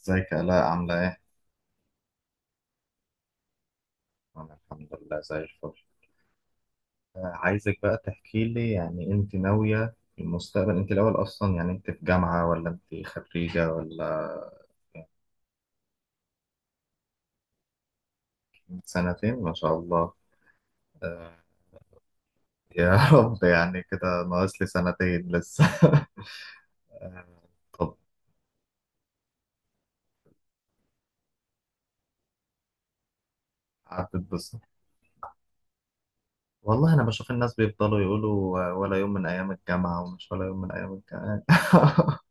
ازيك يا آلاء؟ عاملة ايه؟ أنا الحمد لله زي الفل. عايزك بقى تحكي لي، يعني انت ناوية في المستقبل؟ انت الأول أصلا، يعني انت في جامعة ولا انت خريجة ولا؟ من سنتين، ما شاء الله. آه، يا رب، يعني كده ناقص لي سنتين لسه. آه، طب عدت بس. والله أنا بشوف الناس بيفضلوا يقولوا آه، ولا يوم من أيام الجامعة، ومش ولا يوم من أيام الجامعة.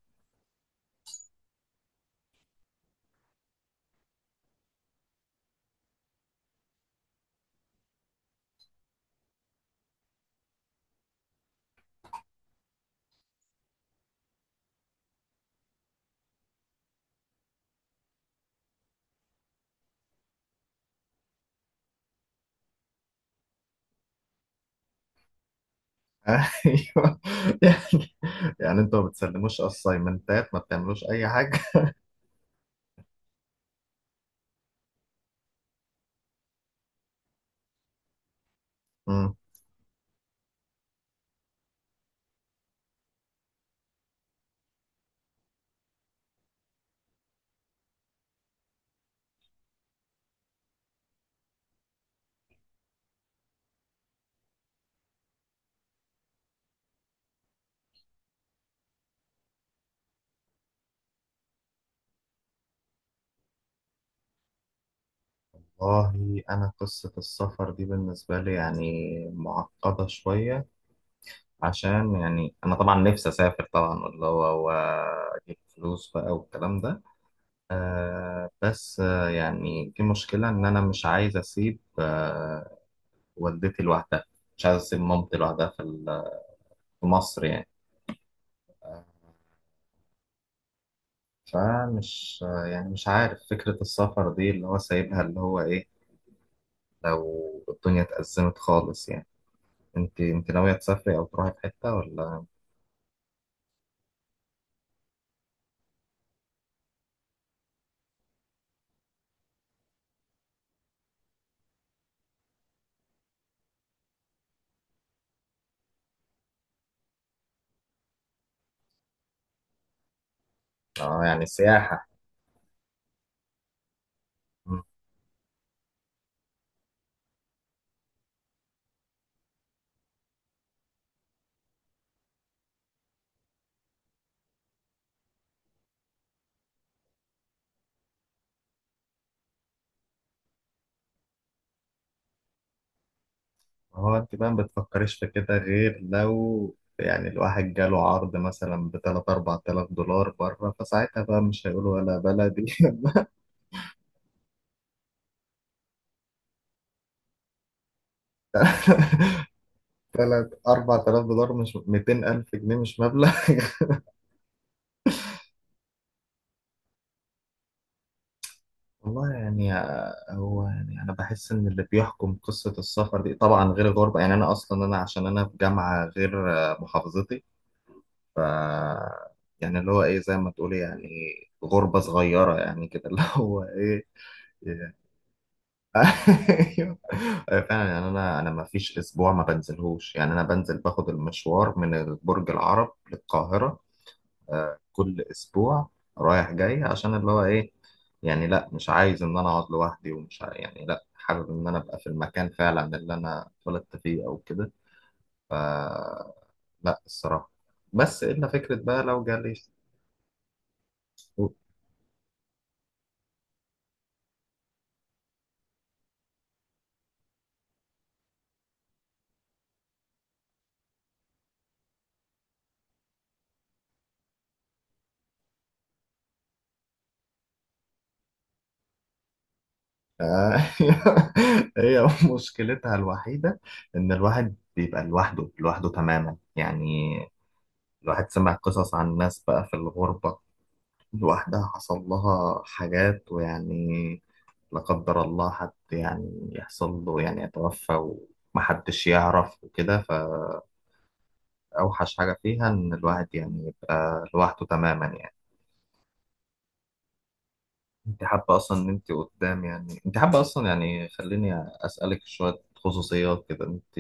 أيوه. يعني، يعني انتوا ما بتسلموش أسايمنتات، ما بتعملوش أي حاجة؟ والله أنا قصة السفر دي بالنسبة لي يعني معقدة شوية، عشان يعني أنا طبعا نفسي أسافر طبعا، اللي هو وأجيب فلوس بقى والكلام ده. آه بس آه، يعني في مشكلة إن أنا مش عايز أسيب والدتي لوحدها، مش عايز أسيب مامتي لوحدها في مصر يعني. آه، فمش يعني مش عارف فكرة السفر دي اللي هو سايبها اللي هو إيه، لو الدنيا اتأزمت خالص يعني. أنت ناوية تسافري أو تروحي في حتة ولا؟ اه يعني سياحة. مم. هو انت بقى ما بتفكريش في كده، غير لو يعني الواحد جاله عرض مثلا ب 3 4000 دولار بره، فساعتها بقى مش هيقولوا ولا بلدي. 3 4000 دولار مش 200,000 جنيه، مش مبلغ. والله يعني، هو يعني انا بحس ان اللي بيحكم قصة السفر دي طبعا غير الغربة، يعني انا اصلا انا عشان انا في جامعة غير محافظتي، ف يعني اللي هو ايه، زي ما تقولي يعني غربة صغيرة يعني كده. اللي هو ايه. ايوه. أيوة فعلا، يعني انا ما فيش اسبوع ما بنزلهوش، يعني انا بنزل باخد المشوار من برج العرب للقاهرة كل اسبوع رايح جاي، عشان اللي هو ايه، يعني لا مش عايز ان انا اقعد لوحدي، يعني لا حابب ان انا ابقى في المكان فعلا اللي انا اتولدت فيه او كده. ف لا الصراحة، بس الا فكرة بقى لو جالي. آه، هي مشكلتها الوحيدة إن الواحد بيبقى لوحده، لوحده تماما يعني. الواحد سمع قصص عن ناس بقى في الغربة لوحدها، حصل لها حاجات ويعني لا قدر الله، حد يعني يحصل له يعني يتوفى ومحدش يعرف وكده. فأوحش حاجة فيها إن الواحد يعني يبقى لوحده تماما يعني. أنت حابة أصلا إن أنت قدام؟ يعني أنت حابة أصلا؟ يعني خليني أسألك شوية خصوصيات كده. أنت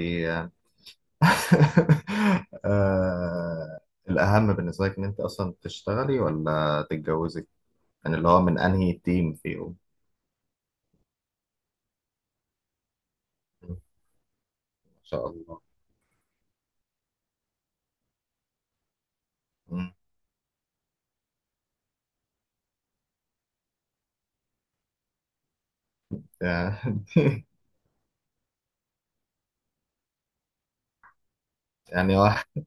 آه، الأهم بالنسبة لك إن أنت أصلا تشتغلي ولا تتجوزي؟ يعني اللي هو من أنهي تيم فيهم؟ مم. ما شاء الله. مم. يعني. يعني واحد.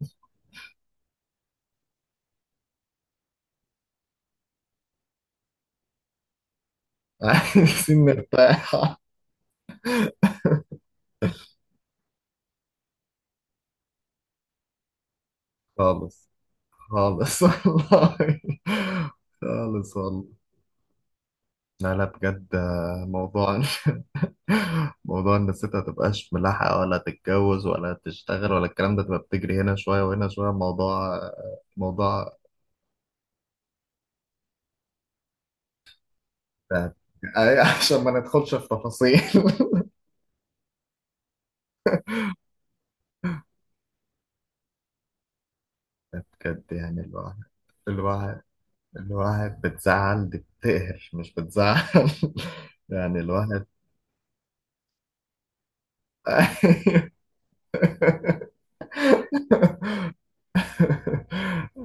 عايزين نرتاح. خالص، خالص. والله، خالص والله. لا لا، بجد موضوع. موضوع إن الست متبقاش ملاحقة ولا تتجوز ولا تشتغل ولا الكلام ده، تبقى بتجري هنا شوية وهنا شوية، موضوع موضوع. ف- عشان ما ندخلش في تفاصيل. بجد، يعني الواحد، الواحد الواحد بتزعل، دي بتقهر مش بتزعل. يعني الواحد.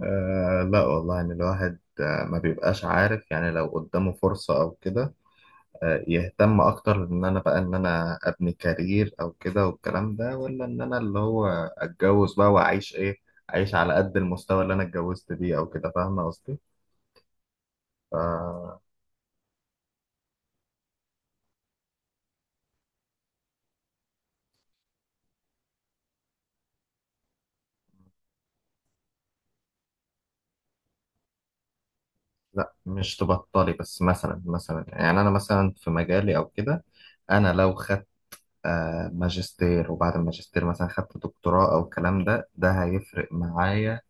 آه لا والله، يعني الواحد ما بيبقاش عارف يعني، لو قدامه فرصة أو كده، يهتم اكتر ان انا بقى، ان انا ابني كارير او كده والكلام ده، ولا ان انا اللي هو اتجوز بقى واعيش ايه، اعيش على قد المستوى اللي انا اتجوزت بيه او كده. فاهمه قصدي؟ ف لا مش تبطلي بس، مثلا يعني انا مثلا في مجالي او كده، انا لو خدت ماجستير، وبعد الماجستير مثلا خدت دكتوراه او الكلام ده، ده هيفرق معايا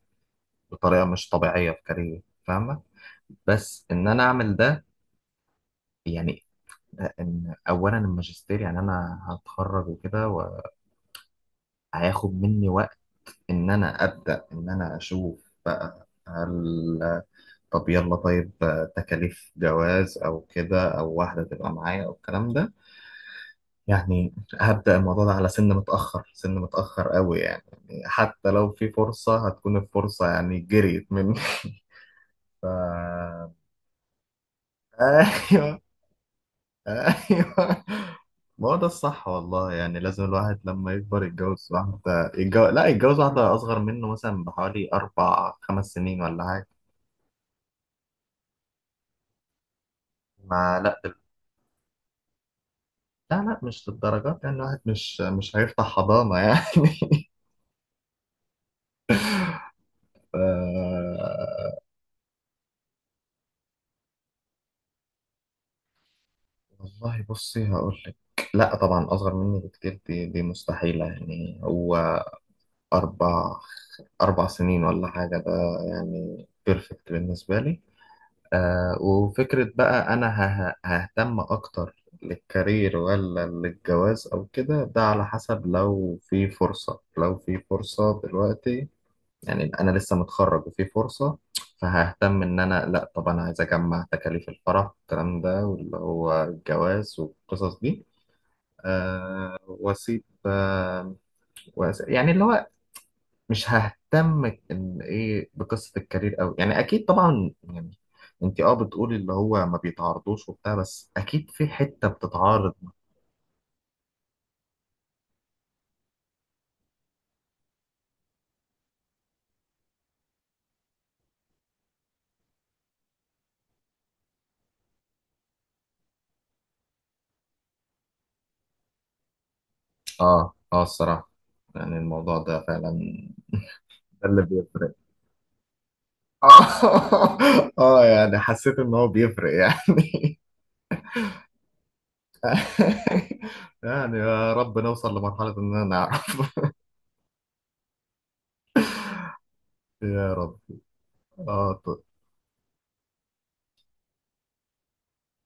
بطريقه مش طبيعيه في كاريري. فاهمه؟ بس ان انا اعمل ده، يعني ان اولا الماجستير يعني انا هتخرج وكده، وهياخد مني وقت ان انا ابدا ان انا اشوف بقى، هل، طب يلا طيب، تكاليف جواز او كده، او واحده تبقى معايا او الكلام ده، يعني هبدا الموضوع ده على سن متاخر، سن متاخر قوي يعني، يعني حتى لو في فرصه هتكون الفرصه يعني جريت مني. ف ايوه، ايوه. ما هو ده الصح والله، يعني لازم الواحد لما يكبر يتجوز واحدة، يتجوز لا، يتجوز واحدة أصغر منه مثلا بحوالي أربع خمس سنين ولا حاجة. ما لا دل... لا لا، مش للدرجات، يعني الواحد مش هيفتح حضانة يعني. ف... والله بصي هقول لك، لا طبعا أصغر مني بكتير، دي مستحيلة يعني. هو أربع، أربع سنين ولا حاجة ده، يعني بيرفكت بالنسبة لي. آه، وفكرة بقى أنا ههتم أكتر للكارير ولا للجواز أو كده، ده على حسب، لو في فرصة، لو في فرصة دلوقتي، يعني أنا لسه متخرج وفي فرصة، فههتم إن أنا لأ طبعا، عايز أجمع تكاليف الفرح والكلام ده، واللي هو الجواز والقصص دي، وأسيب يعني اللي هو، مش ههتم ان ايه بقصه الكارير قوي، يعني اكيد طبعا يعني انت اه بتقولي اللي هو ما بيتعرضوش وبتاع، بس اكيد في حته بتتعرض. اه اه، الصراحه يعني الموضوع ده فعلا ده اللي بيفرق. اه، اه يعني حسيت ان هو بيفرق يعني. يعني يا رب نوصل لمرحله اننا نعرف. يا رب. اه طيب.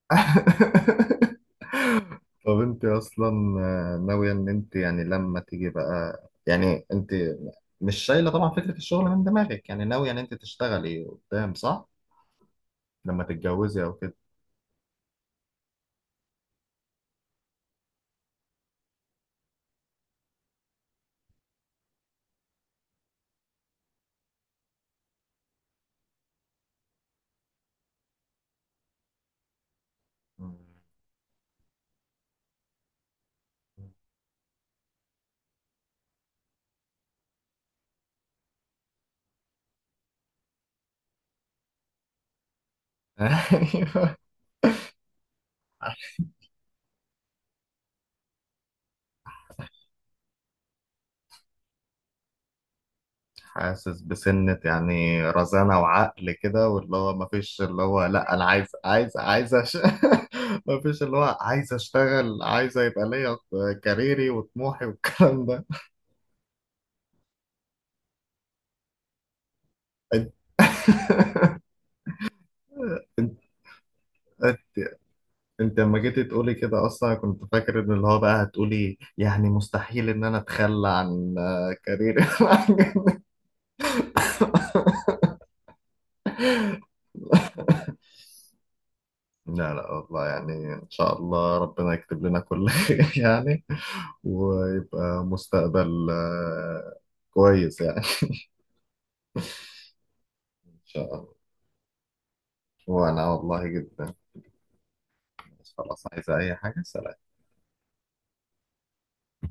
طب انت اصلا ناوية ان انت يعني لما تيجي بقى، يعني انت مش شايلة طبعا فكرة الشغل من دماغك، يعني ناوية ان انت تشتغلي قدام، صح؟ لما تتجوزي او كده. مم. ايوه. حاسس بسنة يعني رزانة وعقل كده، واللي هو مفيش اللي هو لا انا عايز، عايز مفيش اللي هو عايز اشتغل، عايز يبقى ليا كاريري وطموحي والكلام ده. انت انت انت لما جيتي تقولي كده، اصلا كنت فاكر ان اللي هو بقى هتقولي يعني مستحيل ان انا اتخلى عن كاريري. لا لا والله، يعني ان شاء الله ربنا يكتب لنا كل خير يعني، ويبقى مستقبل كويس يعني. ان شاء الله. وانا والله جدا. خلاص، عايزة اي حاجة؟ سلام.